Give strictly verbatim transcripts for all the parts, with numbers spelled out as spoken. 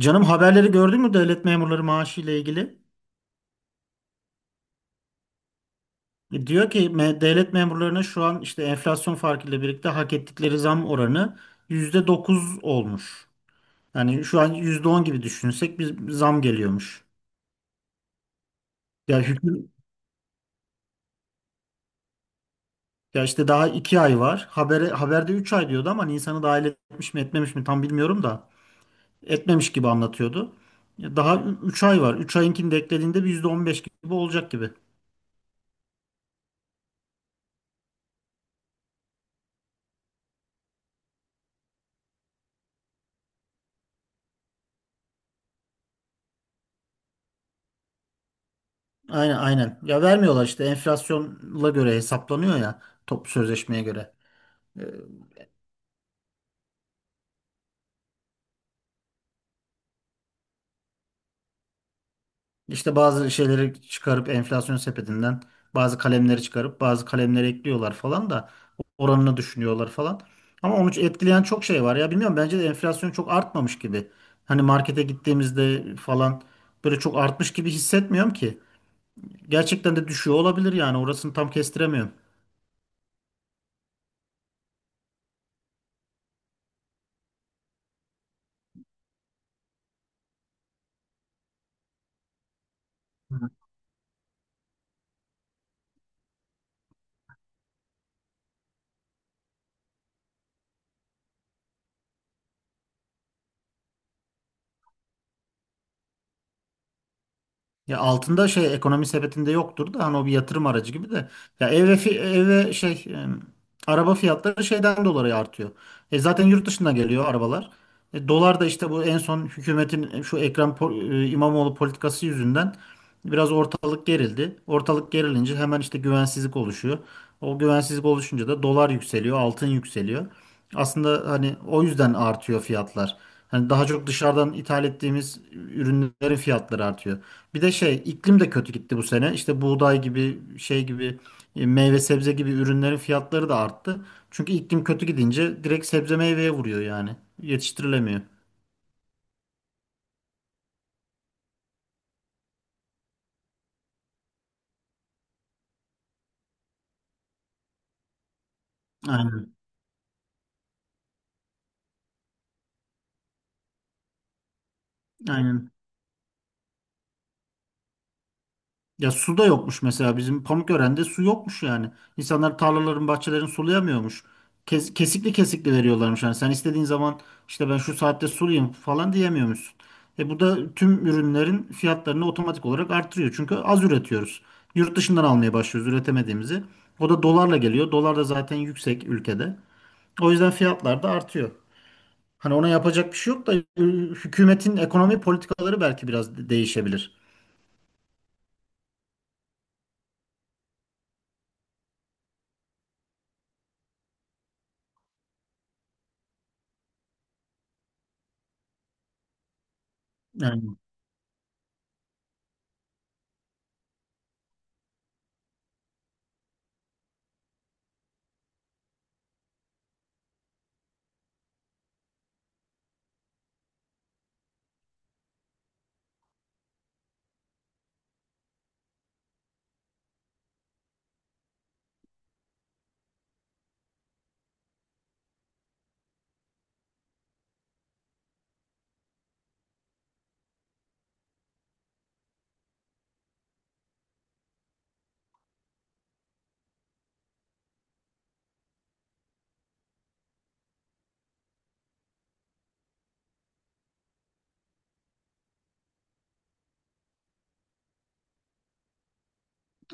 Canım haberleri gördün mü devlet memurları maaşı ile ilgili? E, Diyor ki me- devlet memurlarına şu an işte enflasyon farkıyla birlikte hak ettikleri zam oranı yüzde dokuz olmuş. Yani şu an yüzde on gibi düşünsek bir zam geliyormuş. Ya hüküm ya işte daha iki ay var. Habere, haberde üç ay diyordu ama Nisan'ı dahil etmiş mi etmemiş mi tam bilmiyorum da etmemiş gibi anlatıyordu. Ya daha üç ay var. Üç ayinkini de eklediğinde bir yüzde on beş gibi olacak gibi. Aynen aynen. Ya vermiyorlar işte enflasyonla göre hesaplanıyor ya top sözleşmeye göre. Ee, İşte bazı şeyleri çıkarıp enflasyon sepetinden bazı kalemleri çıkarıp bazı kalemleri ekliyorlar falan da oranını düşünüyorlar falan. Ama onu etkileyen çok şey var ya, bilmiyorum, bence de enflasyon çok artmamış gibi. Hani markete gittiğimizde falan böyle çok artmış gibi hissetmiyorum ki. Gerçekten de düşüyor olabilir, yani orasını tam kestiremiyorum. Ya altında şey ekonomi sepetinde yoktur da hani o bir yatırım aracı gibi de. Ya ev ve, fi- ev ve şey e, araba fiyatları şeyden dolayı artıyor. E zaten yurt dışından geliyor arabalar. E, dolar da işte bu en son hükümetin e, şu Ekrem Po- e, İmamoğlu politikası yüzünden biraz ortalık gerildi. Ortalık gerilince hemen işte güvensizlik oluşuyor. O güvensizlik oluşunca da dolar yükseliyor, altın yükseliyor. Aslında hani o yüzden artıyor fiyatlar. Hani daha çok dışarıdan ithal ettiğimiz ürünlerin fiyatları artıyor. Bir de şey iklim de kötü gitti bu sene. İşte buğday gibi şey gibi e, meyve sebze gibi ürünlerin fiyatları da arttı. Çünkü iklim kötü gidince direkt sebze meyveye vuruyor yani. Yetiştirilemiyor. Aynen. Aynen. Ya su da yokmuş, mesela bizim Pamukören'de su yokmuş yani. İnsanlar tarlaların, bahçelerin sulayamıyormuş. Kes- kesikli kesikli veriyorlarmış yani. Sen istediğin zaman işte ben şu saatte sulayayım falan diyemiyormuşsun. E bu da tüm ürünlerin fiyatlarını otomatik olarak artırıyor. Çünkü az üretiyoruz. Yurt dışından almaya başlıyoruz üretemediğimizi. O da dolarla geliyor. Dolar da zaten yüksek ülkede. O yüzden fiyatlar da artıyor. Hani ona yapacak bir şey yok da e, hükümetin ekonomi politikaları belki biraz de- değişebilir. Yani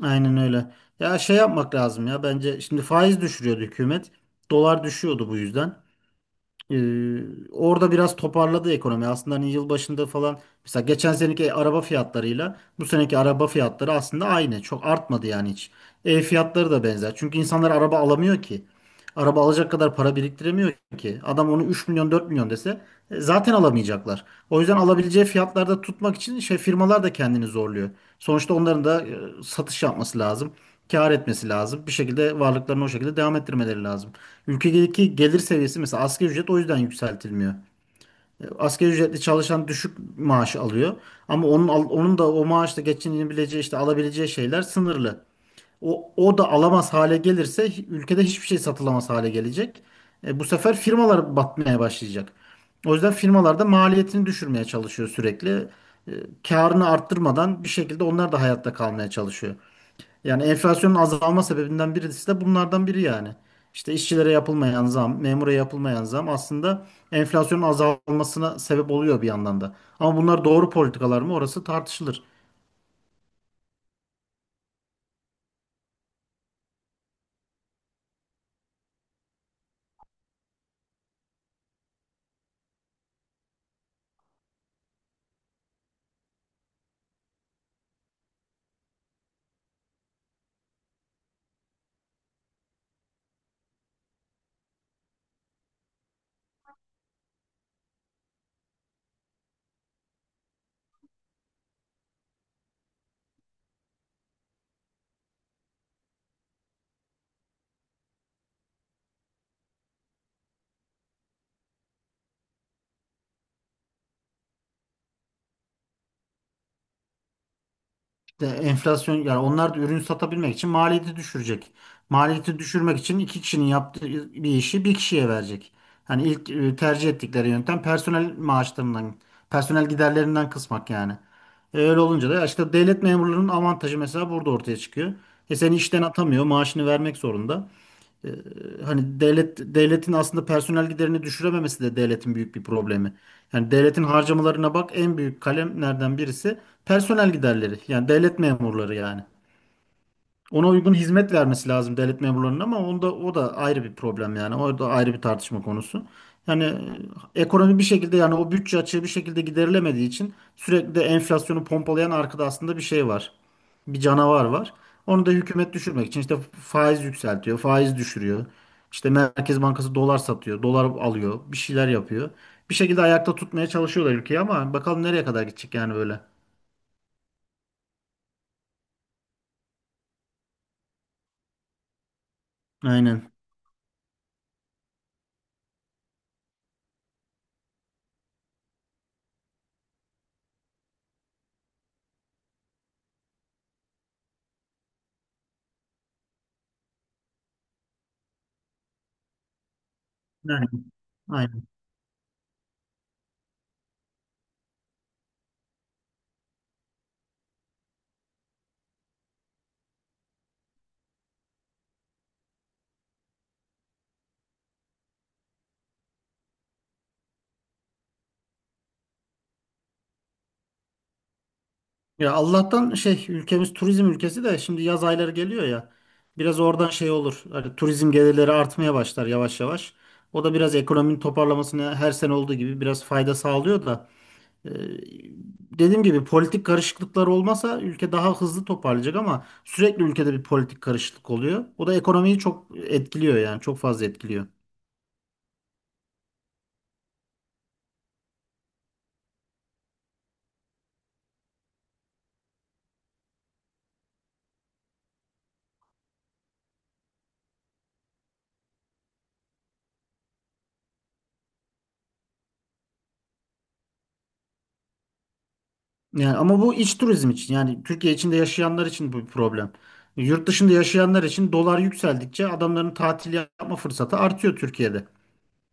aynen öyle. Ya şey yapmak lazım, ya bence şimdi faiz düşürüyordu hükümet. Dolar düşüyordu bu yüzden. Ee, orada biraz toparladı ekonomi. Aslında hani yıl başında falan mesela geçen seneki araba fiyatlarıyla bu seneki araba fiyatları aslında aynı. Çok artmadı yani hiç. Ev fiyatları da benzer. Çünkü insanlar araba alamıyor ki. Araba alacak kadar para biriktiremiyor ki. Adam onu üç milyon dört milyon dese e, zaten alamayacaklar. O yüzden alabileceği fiyatlarda tutmak için şey firmalar da kendini zorluyor. Sonuçta onların da e, satış yapması lazım. Kâr etmesi lazım. Bir şekilde varlıklarını o şekilde devam ettirmeleri lazım. Ülkedeki gelir seviyesi, mesela asgari ücret, o yüzden yükseltilmiyor. E, asgari ücretli çalışan düşük maaş alıyor ama onun al- onun da o maaşla geçinebileceği işte alabileceği şeyler sınırlı. O o da alamaz hale gelirse hi- ülkede hiçbir şey satılamaz hale gelecek. E, bu sefer firmalar batmaya başlayacak. O yüzden firmalar da maliyetini düşürmeye çalışıyor sürekli. E, karını arttırmadan bir şekilde onlar da hayatta kalmaya çalışıyor. Yani enflasyonun azalma sebebinden birisi de bunlardan biri yani. İşte işçilere yapılmayan zam, memura yapılmayan zam aslında enflasyonun azalmasına sebep oluyor bir yandan da. Ama bunlar doğru politikalar mı, orası tartışılır. İşte enflasyon yani onlar da ürün satabilmek için maliyeti düşürecek. Maliyeti düşürmek için iki kişinin yaptığı bir işi bir kişiye verecek. Hani ilk e, tercih ettikleri yöntem personel maaşlarından, personel giderlerinden kısmak yani. E, öyle olunca da işte devlet memurlarının avantajı mesela burada ortaya çıkıyor. E seni işten atamıyor, maaşını vermek zorunda. Ee, hani devlet devletin aslında personel giderini düşürememesi de devletin büyük bir problemi. Yani devletin harcamalarına bak, en büyük kalemlerden birisi personel giderleri. Yani devlet memurları yani. Ona uygun hizmet vermesi lazım devlet memurlarının ama onda o da ayrı bir problem yani. O da ayrı bir tartışma konusu. Yani e, ekonomi bir şekilde yani o bütçe açığı bir şekilde giderilemediği için sürekli de enflasyonu pompalayan arkada aslında bir şey var, bir canavar var. Onu da hükümet düşürmek için işte faiz yükseltiyor, faiz düşürüyor. İşte Merkez Bankası dolar satıyor, dolar alıyor, bir şeyler yapıyor. Bir şekilde ayakta tutmaya çalışıyorlar ülkeyi ama bakalım nereye kadar gidecek yani böyle. Aynen. Yani, aynen. Ya Allah'tan şey ülkemiz turizm ülkesi de şimdi yaz ayları geliyor ya. Biraz oradan şey olur. Hani turizm gelirleri artmaya başlar yavaş yavaş. O da biraz ekonominin toparlamasına her sene olduğu gibi biraz fayda sağlıyor da. Ee, dediğim gibi politik karışıklıklar olmasa ülke daha hızlı toparlayacak ama sürekli ülkede bir politik karışıklık oluyor. O da ekonomiyi çok etkiliyor yani çok fazla etkiliyor. Yani ama bu iç turizm için, yani Türkiye içinde yaşayanlar için bu bir problem. Yurt dışında yaşayanlar için dolar yükseldikçe adamların tatil yapma fırsatı artıyor Türkiye'de.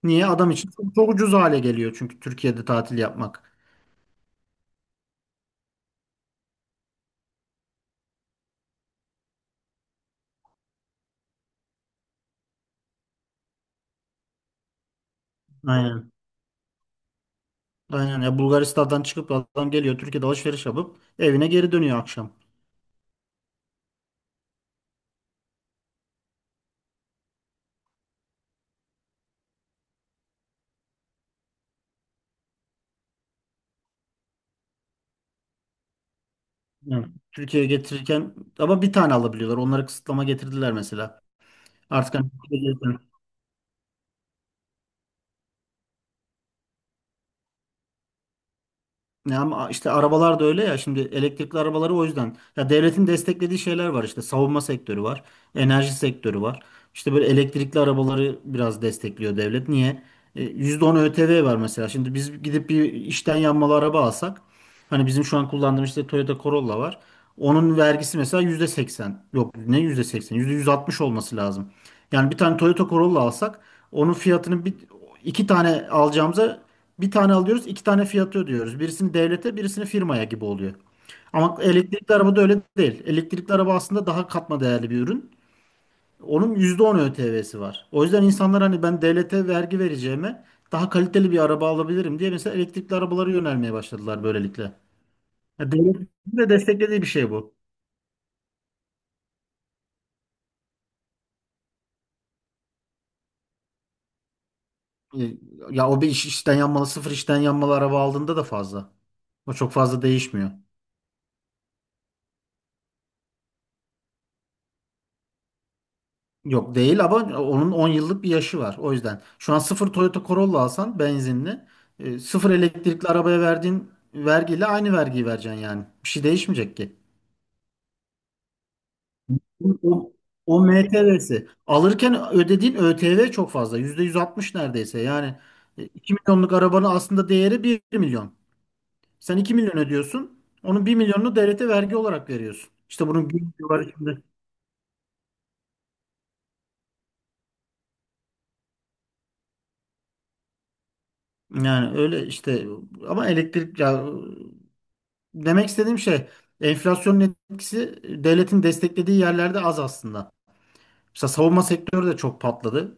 Niye? Adam için çok, çok ucuz hale geliyor çünkü Türkiye'de tatil yapmak. Aynen. Aynen. Ya Bulgaristan'dan çıkıp adam geliyor Türkiye'de alışveriş yapıp evine geri dönüyor akşam. Evet. Türkiye'ye getirirken ama bir tane alabiliyorlar. Onlara kısıtlama getirdiler mesela. Artık hani ya ama işte arabalar da öyle ya, şimdi elektrikli arabaları o yüzden. Ya devletin desteklediği şeyler var, işte savunma sektörü var, enerji sektörü var. İşte böyle elektrikli arabaları biraz destekliyor devlet. Niye? E, yüzde on ÖTV var mesela. Şimdi biz gidip bir işten yanmalı araba alsak hani bizim şu an kullandığımız işte Toyota Corolla var. Onun vergisi mesela yüzde seksen. Yok ne yüzde. Yüzde seksen? Yüzde yüz altmış olması lazım. Yani bir tane Toyota Corolla alsak onun fiyatını bir iki tane alacağımıza bir tane alıyoruz, iki tane fiyatı ödüyoruz. Birisini devlete, birisini firmaya gibi oluyor. Ama elektrikli arabada öyle değil. Elektrikli araba aslında daha katma değerli bir ürün. Onun yüzde on ÖTV'si var. O yüzden insanlar hani ben devlete vergi vereceğime daha kaliteli bir araba alabilirim diye mesela elektrikli arabalara yönelmeye başladılar böylelikle. Ya devletin de desteklediği bir şey bu. E, Ya o bir iş, işten yanmalı, sıfır işten yanmalı araba aldığında da fazla. O çok fazla değişmiyor. Yok değil ama onun on yıllık bir yaşı var. O yüzden şu an sıfır Toyota Corolla alsan benzinli, e, sıfır elektrikli arabaya verdiğin vergiyle aynı vergiyi vereceksin yani. Bir şey değişmeyecek ki. O, o M T V'si. Alırken ödediğin ÖTV çok fazla. Yüzde yüz altmış neredeyse. Yani e, 2 milyonluk arabanın aslında değeri bir milyon. Sen iki milyon ödüyorsun. Onun bir milyonunu devlete vergi olarak veriyorsun. İşte bunun bir var şimdi. Yani öyle işte ama elektrik ya, demek istediğim şey enflasyonun etkisi devletin desteklediği yerlerde az aslında. Mesela savunma sektörü de çok patladı.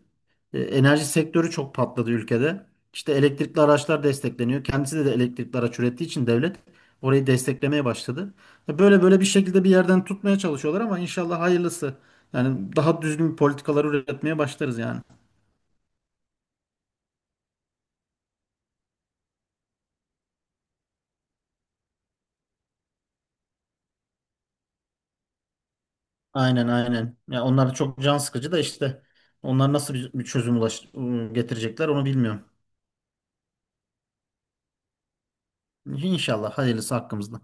E, enerji sektörü çok patladı ülkede. İşte elektrikli araçlar destekleniyor. Kendisi de de elektrikli araç ürettiği için devlet orayı desteklemeye başladı. E, böyle böyle bir şekilde bir yerden tutmaya çalışıyorlar ama inşallah hayırlısı. Yani daha düzgün politikalar üretmeye başlarız yani. Aynen aynen. Ya onlar da çok can sıkıcı da işte onlar nasıl bir bir çözüm ulaş- getirecekler onu bilmiyorum. İnşallah hayırlısı hakkımızda.